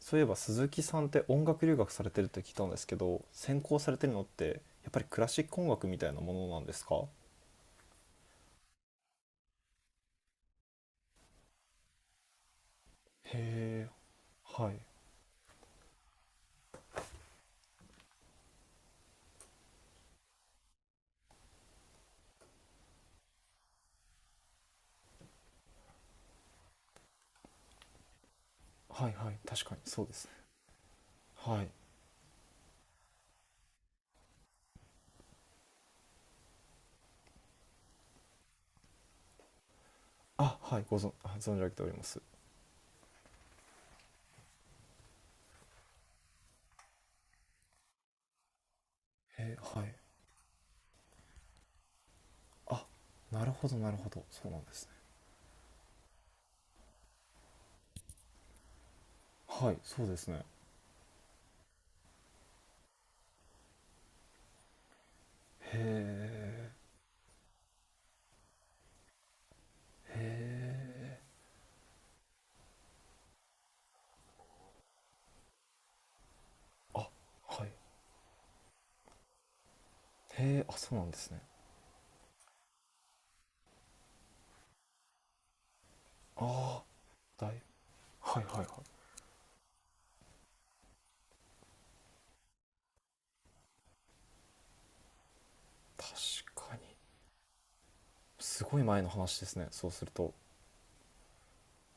そういえば鈴木さんって音楽留学されてるって聞いたんですけど、専攻されてるのってやっぱりクラシック音楽みたいなものなんですか？へえ。はい。はいはい、確かにそうですね。はい。あ、はい、ご存、あ存じ上げております。へえ、はい。あ、なるほどなるほど、そうなんですね。はい、そうですね。へえ。へえ。あ、はい。へえ、あ、そうなんですね。ああ、だい、はいはいはい。確かに。すごい前の話ですね、そうすると。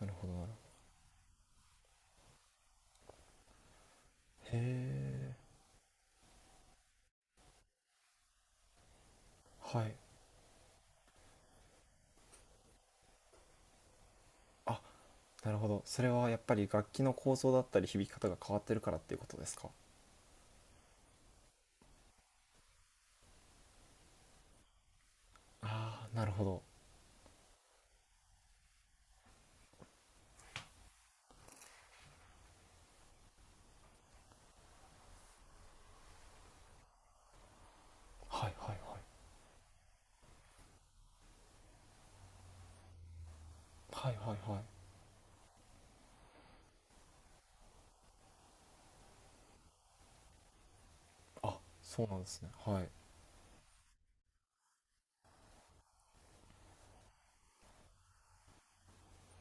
なるほどなるほど。へえ。はい。あ、なるほど、それはやっぱり楽器の構造だったり響き方が変わってるからっていうことですか？ああ、なるほど。はいはいはい。はいはいはい。あ、そうなんですね、はい。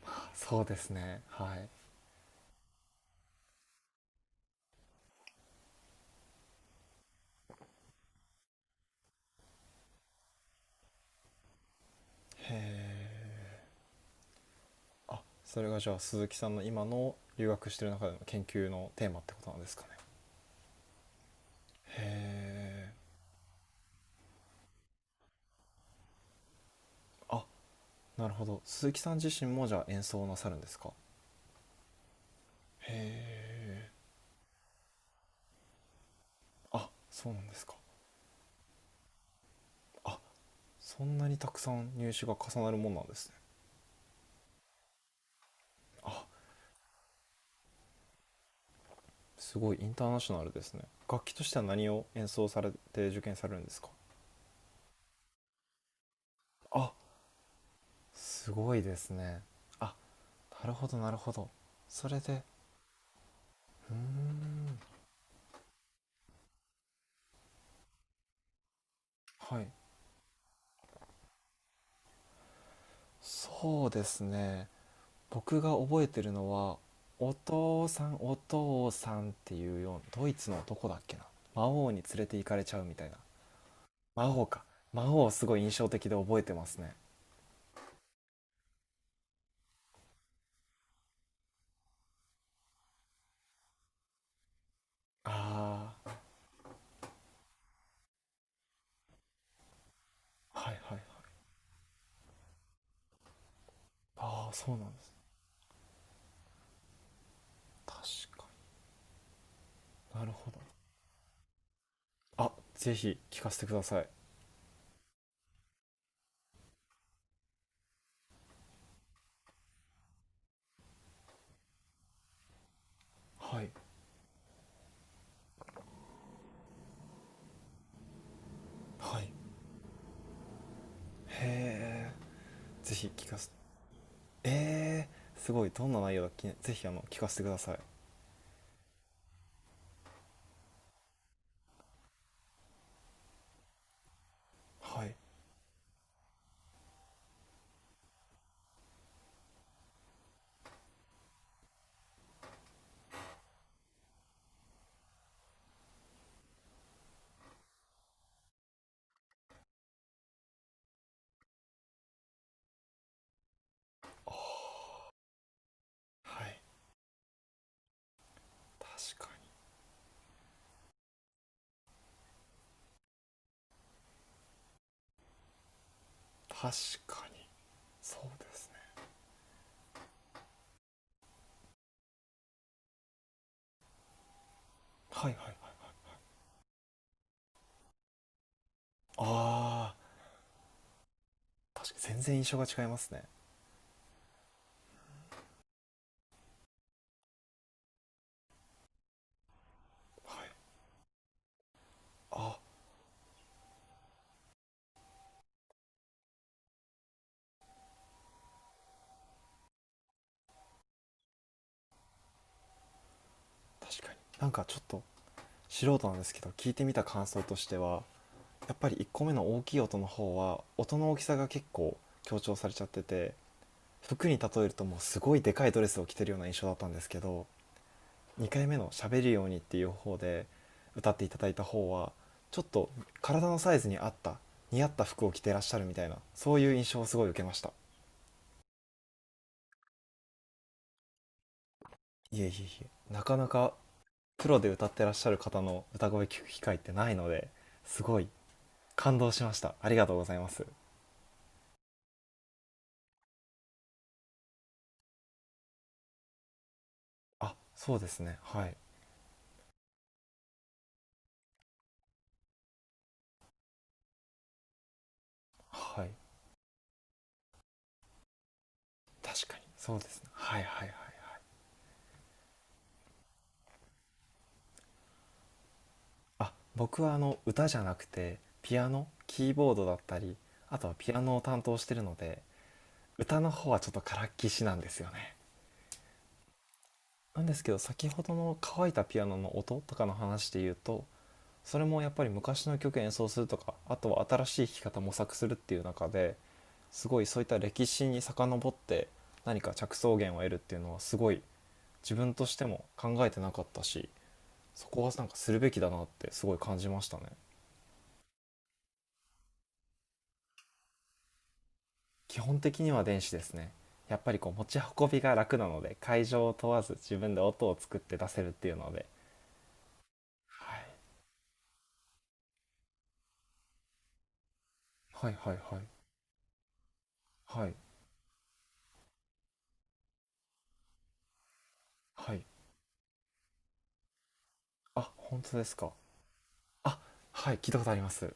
あ、そうですね、はい。へえ。あ、それがじゃあ鈴木さんの今の留学してる中での研究のテーマってことなんですかね？へえ。あ、なるほど、鈴木さん自身もじゃあ演奏をなさるんですか？へえ。あ、そうなんですか？あ、そんなにたくさん入手が重なるもんなんですね。あ、すごいインターナショナルですね。楽器としては何を演奏されて受験されるんですか？あ、すごいですね。あ、なるほどなるほど。それで。うーん。はい。そうですね。僕が覚えてるのは「お父さんお父さん」っていうようなドイツの男だっけな。魔王に連れて行かれちゃうみたいな。魔王か。魔王、すごい印象的で覚えてますね。ああ。はいはいはい。ああ、そうなんですね。確かに、なるほど。あ、ぜひ聞かせてください。はいはい。へえ。ぜひ聞かせええー、すごいどんな内容だっけ、ぜひ聞かせてください。はい。ああ。はい。確かに、確かにそうですね。はいはいはい。あー、全然印象が違いますね。はい。ああ。確かに、なんかちょっと素人なんですけど、聞いてみた感想としては、やっぱり1個目の大きい音の方は音の大きさが結構強調されちゃってて、服に例えるともうすごいでかいドレスを着てるような印象だったんですけど、2回目の「喋るように」っていう方で歌っていただいた方は、ちょっと体のサイズに合った、似合った服を着てらっしゃるみたいな、そういう印象をすごい受けました。いえいえいえ。なかなかプロで歌ってらっしゃる方の歌声聞く機会ってないので、すごい感動しました。ありがとうございます。あ、そうですね、はい。はい、確かにそうですね。はいはいはいはい。あ、僕は歌じゃなくてピアノ、キーボードだったり、あとはピアノを担当してるので、歌の方はちょっとからっきしなんですよね。なんですけど、先ほどの乾いたピアノの音とかの話で言うと、それもやっぱり昔の曲演奏するとか、あとは新しい弾き方模索するっていう中で、すごいそういった歴史に遡って何か着想源を得るっていうのは、すごい自分としても考えてなかったし、そこはなんかするべきだなってすごい感じましたね。基本的には電子ですね。やっぱりこう持ち運びが楽なので、会場を問わず自分で音を作って出せるっていうので。はい、はいはいはいはいはい。あ、本当ですか。あ、はい、聞いたことあります。へ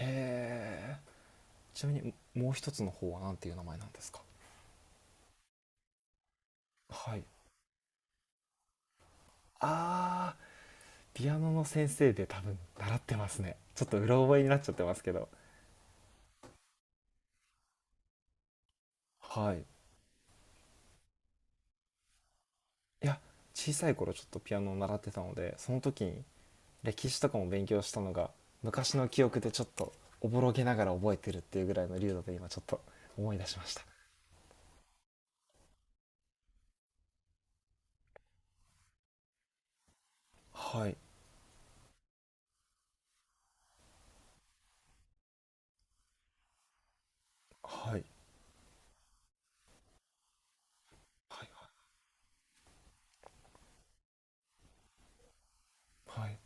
え。ちなみにもう一つの方はなんていう名前なんですか？はい。あー、ピアノの先生で多分習ってますね。ちょっとうろ覚えになっちゃってますけど。はい。いや、小さい頃ちょっとピアノを習ってたので、その時に歴史とかも勉強したのが昔の記憶でちょっとおぼろげながら覚えてるっていうぐらいの流度で、今ちょっと思い出しました。はいはいはいはい。へ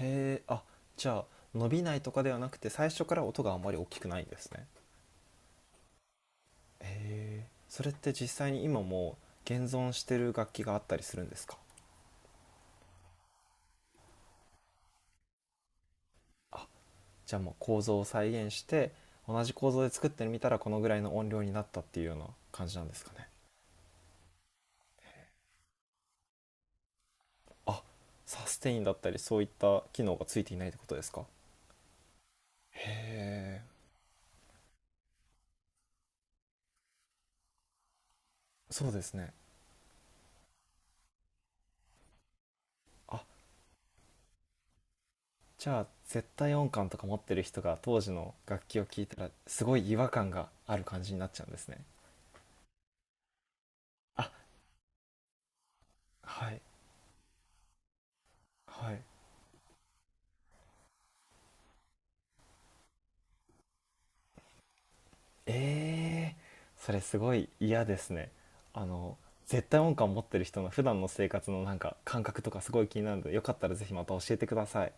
え。あ、じゃあ伸びないとかではなくて、最初から音があんまり大きくないんですね。へえ、それって実際に今も現存してる楽器があったりするんですか？あ、じゃあもう構造を再現して同じ構造で作ってみたらこのぐらいの音量になったっていうような感じなんですかね？あ、サステインだったりそういった機能がついていないってことですか？へえ。そうですね。あ、じゃあ絶対音感とか持ってる人が当時の楽器を聴いたらすごい違和感がある感じになっちゃうんですね。あ、はい。はい。えー、それすごい嫌ですね。あの、絶対音感持ってる人の普段の生活のなんか感覚とかすごい気になるので、よかったらぜひまた教えてください。